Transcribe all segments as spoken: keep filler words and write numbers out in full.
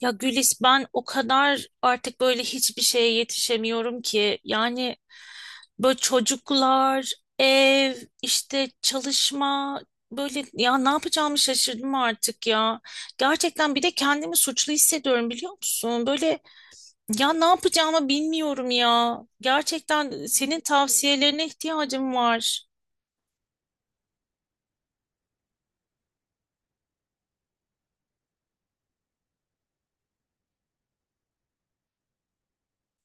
Ya Gülis ben o kadar artık böyle hiçbir şeye yetişemiyorum ki. Yani böyle çocuklar, ev, işte çalışma böyle ya ne yapacağımı şaşırdım artık ya. Gerçekten bir de kendimi suçlu hissediyorum biliyor musun? Böyle ya ne yapacağımı bilmiyorum ya. Gerçekten senin tavsiyelerine ihtiyacım var.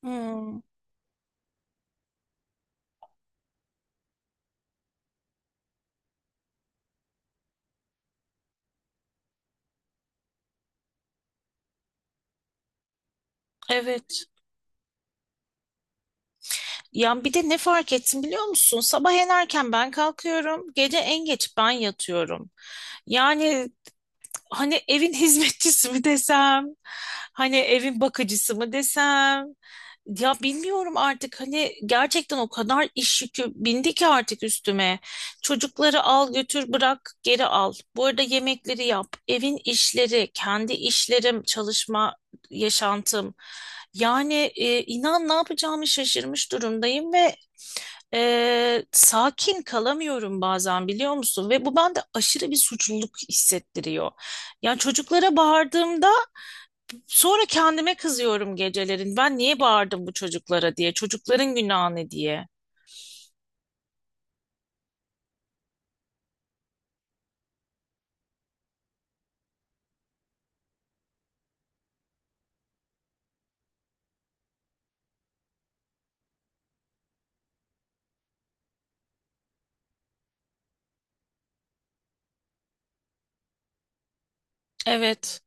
Hmm, evet. Ya bir de ne fark ettim biliyor musun? Sabah en erken ben kalkıyorum, gece en geç ben yatıyorum. Yani hani evin hizmetçisi mi desem, hani evin bakıcısı mı desem. Ya bilmiyorum artık hani gerçekten o kadar iş yükü bindi ki artık üstüme. Çocukları al götür bırak geri al. Bu arada yemekleri yap. Evin işleri, kendi işlerim, çalışma yaşantım. Yani e, inan ne yapacağımı şaşırmış durumdayım ve ee, sakin kalamıyorum bazen biliyor musun? Ve bu bende aşırı bir suçluluk hissettiriyor. Yani çocuklara bağırdığımda sonra kendime kızıyorum gecelerin. Ben niye bağırdım bu çocuklara diye, çocukların günahı ne diye. Evet.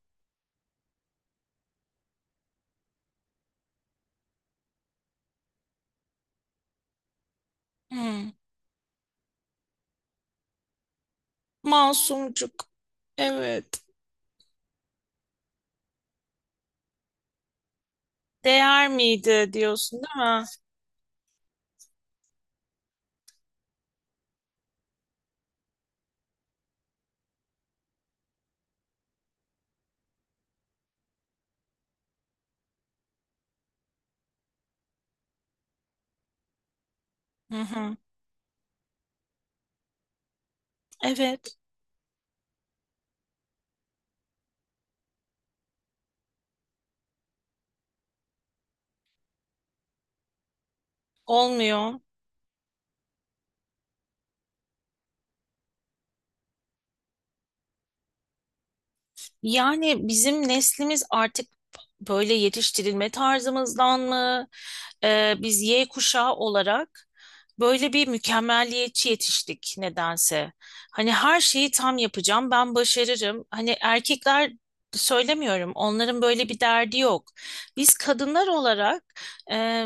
Hmm. Masumcuk. Evet. Değer miydi diyorsun değil mi? Hı hı. Evet, olmuyor. Yani bizim neslimiz artık böyle yetiştirilme tarzımızdan mı? Ee, biz Y kuşağı olarak böyle bir mükemmeliyetçi yetiştik nedense. Hani her şeyi tam yapacağım, ben başarırım. Hani erkekler söylemiyorum, onların böyle bir derdi yok. Biz kadınlar olarak e,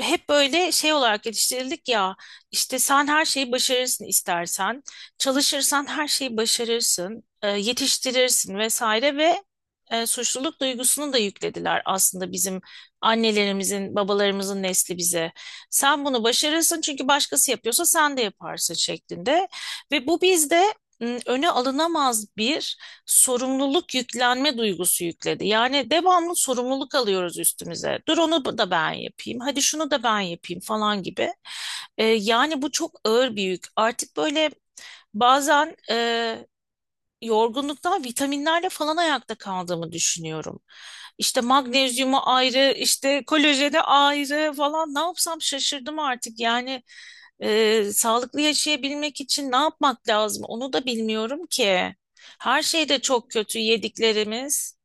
hep böyle şey olarak yetiştirildik ya. İşte sen her şeyi başarırsın istersen, çalışırsan her şeyi başarırsın, e, yetiştirirsin vesaire ve e, suçluluk duygusunu da yüklediler aslında bizim annelerimizin, babalarımızın nesli bize. Sen bunu başarırsın çünkü başkası yapıyorsa sen de yaparsın şeklinde. Ve bu bizde m, öne alınamaz bir sorumluluk yüklenme duygusu yükledi. Yani devamlı sorumluluk alıyoruz üstümüze. Dur onu da ben yapayım, hadi şunu da ben yapayım falan gibi. E, yani bu çok ağır bir yük. Artık böyle bazen e, yorgunluktan vitaminlerle falan ayakta kaldığımı düşünüyorum. İşte magnezyumu ayrı, işte kolajeni ayrı falan ne yapsam şaşırdım artık. Yani e, sağlıklı yaşayabilmek için ne yapmak lazım onu da bilmiyorum ki. Her şey de çok kötü yediklerimiz.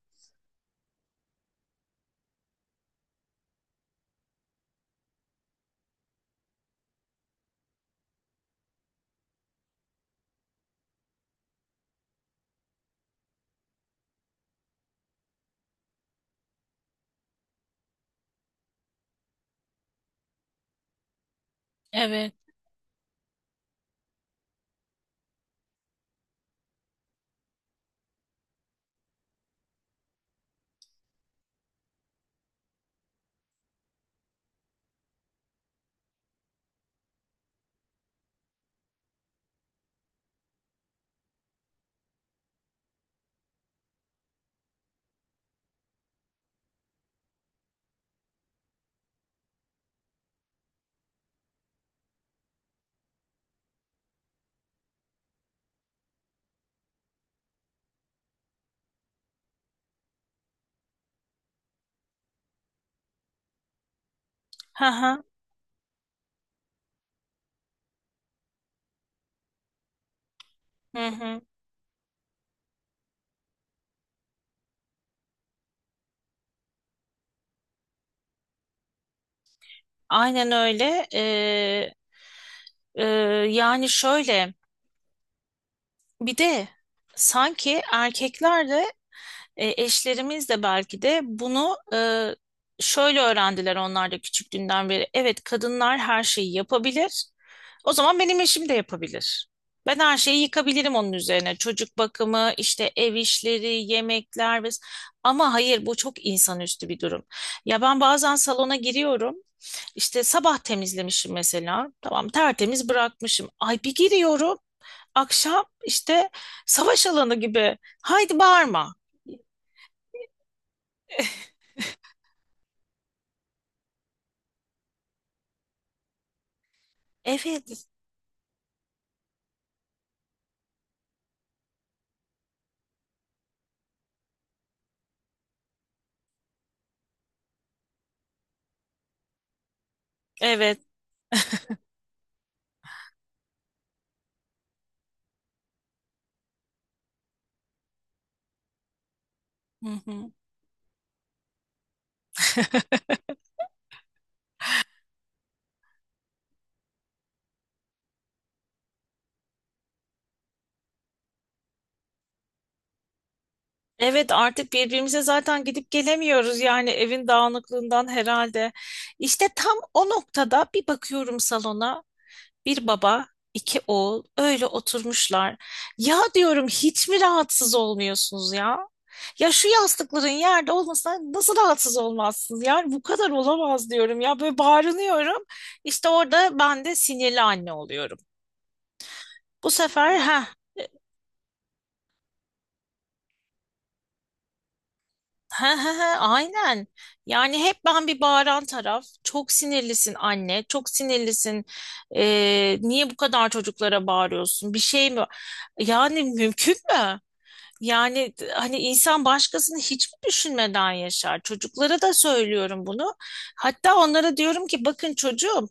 Evet. Hı hı, hı hı. Aynen öyle. E, e, yani şöyle bir de sanki erkeklerde, E, eşlerimiz de belki de bunu e, şöyle öğrendiler onlar da küçüklüğünden beri. Evet kadınlar her şeyi yapabilir. O zaman benim eşim de yapabilir. Ben her şeyi yıkabilirim onun üzerine. Çocuk bakımı, işte ev işleri, yemekler ve... Ama hayır bu çok insanüstü bir durum. Ya ben bazen salona giriyorum. İşte sabah temizlemişim mesela. Tamam tertemiz bırakmışım. Ay bir giriyorum. Akşam işte savaş alanı gibi. Haydi bağırma. Evet. Evet. Hı hı. Evet artık birbirimize zaten gidip gelemiyoruz yani evin dağınıklığından herhalde. İşte tam o noktada bir bakıyorum salona bir baba iki oğul öyle oturmuşlar. Ya diyorum hiç mi rahatsız olmuyorsunuz ya? Ya şu yastıkların yerde olmasa nasıl rahatsız olmazsınız? Yani bu kadar olamaz diyorum ya böyle bağırınıyorum. İşte orada ben de sinirli anne oluyorum. Bu sefer ha He he he aynen. Yani hep ben bir bağıran taraf. Çok sinirlisin anne, çok sinirlisin. Ee, niye bu kadar çocuklara bağırıyorsun? Bir şey mi? Yani mümkün mü? Yani hani insan başkasını hiç mi düşünmeden yaşar? Çocuklara da söylüyorum bunu. Hatta onlara diyorum ki bakın çocuğum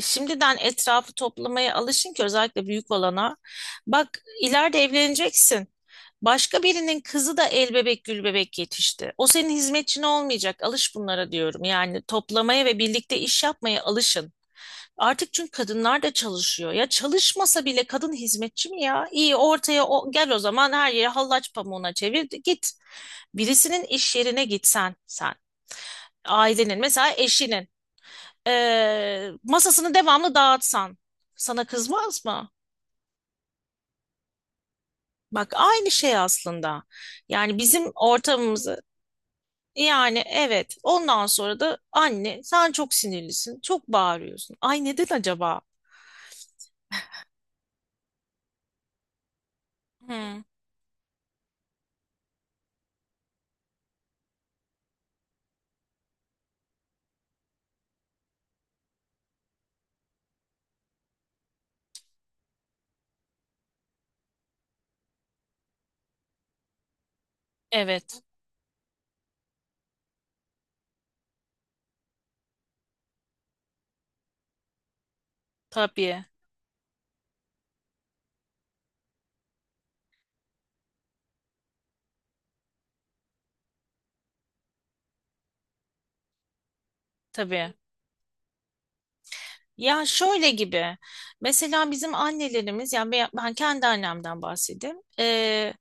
şimdiden etrafı toplamaya alışın ki özellikle büyük olana. Bak ileride evleneceksin. Başka birinin kızı da el bebek gül bebek yetişti. O senin hizmetçin olmayacak. Alış bunlara diyorum. Yani toplamaya ve birlikte iş yapmaya alışın. Artık çünkü kadınlar da çalışıyor. Ya çalışmasa bile kadın hizmetçi mi ya? İyi ortaya o, gel o zaman her yeri hallaç pamuğuna çevir git. Birisinin iş yerine gitsen sen. Ailenin mesela eşinin eee, masasını devamlı dağıtsan sana kızmaz mı? Bak aynı şey aslında. Yani bizim ortamımız. Yani evet. Ondan sonra da anne sen çok sinirlisin. Çok bağırıyorsun. Ay neden acaba? Hmm, evet. Tabii. Tabii. Ya şöyle gibi. Mesela bizim annelerimiz yani ben ben kendi annemden bahsedeyim. Ee,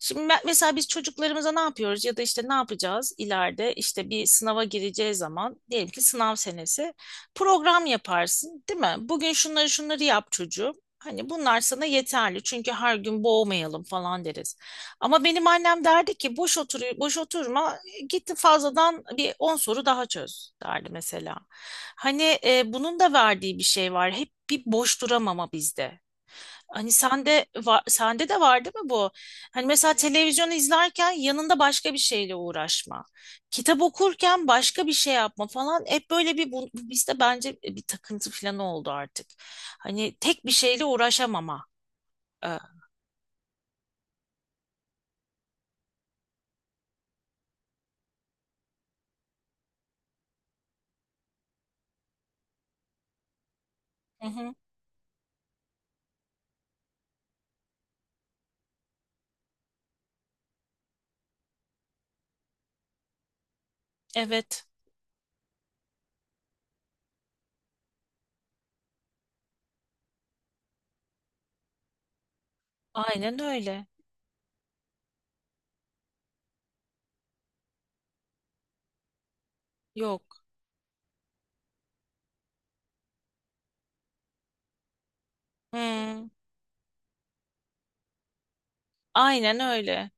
Şimdi ben- mesela biz çocuklarımıza ne yapıyoruz ya da işte ne yapacağız ileride işte bir sınava gireceği zaman diyelim ki sınav senesi program yaparsın değil mi? Bugün şunları şunları yap çocuğum. Hani bunlar sana yeterli çünkü her gün boğmayalım falan deriz. Ama benim annem derdi ki boş otur boş oturma gitti fazladan bir on soru daha çöz derdi mesela. Hani e, bunun da verdiği bir şey var. Hep bir boş duramama bizde. Hani sende var, sende de var değil mi bu? Hani mesela televizyon izlerken yanında başka bir şeyle uğraşma. Kitap okurken başka bir şey yapma falan. Hep böyle bir bu, bu bizde bence bir takıntı falan oldu artık. Hani tek bir şeyle uğraşamama. Ee, Hı hı. Evet. Aynen öyle. Yok. Hmm. Aynen öyle.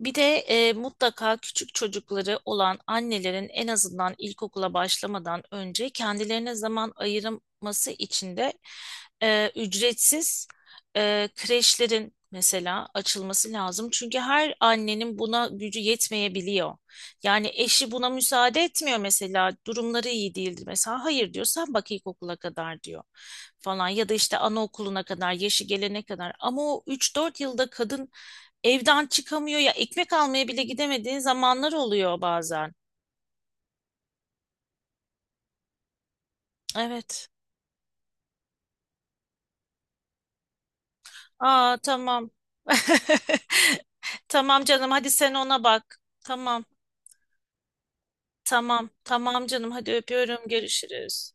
Bir de e, mutlaka küçük çocukları olan annelerin en azından ilkokula başlamadan önce kendilerine zaman ayırması için de e, ücretsiz e, kreşlerin mesela açılması lazım. Çünkü her annenin buna gücü yetmeyebiliyor. Yani eşi buna müsaade etmiyor mesela durumları iyi değildir. Mesela hayır diyor sen bak ilkokula kadar diyor falan ya da işte anaokuluna kadar yaşı gelene kadar. Ama o üç dört yılda kadın evden çıkamıyor ya ekmek almaya bile gidemediği zamanlar oluyor bazen. Evet. Aa tamam. Tamam canım hadi sen ona bak. Tamam. Tamam. Tamam canım hadi öpüyorum görüşürüz.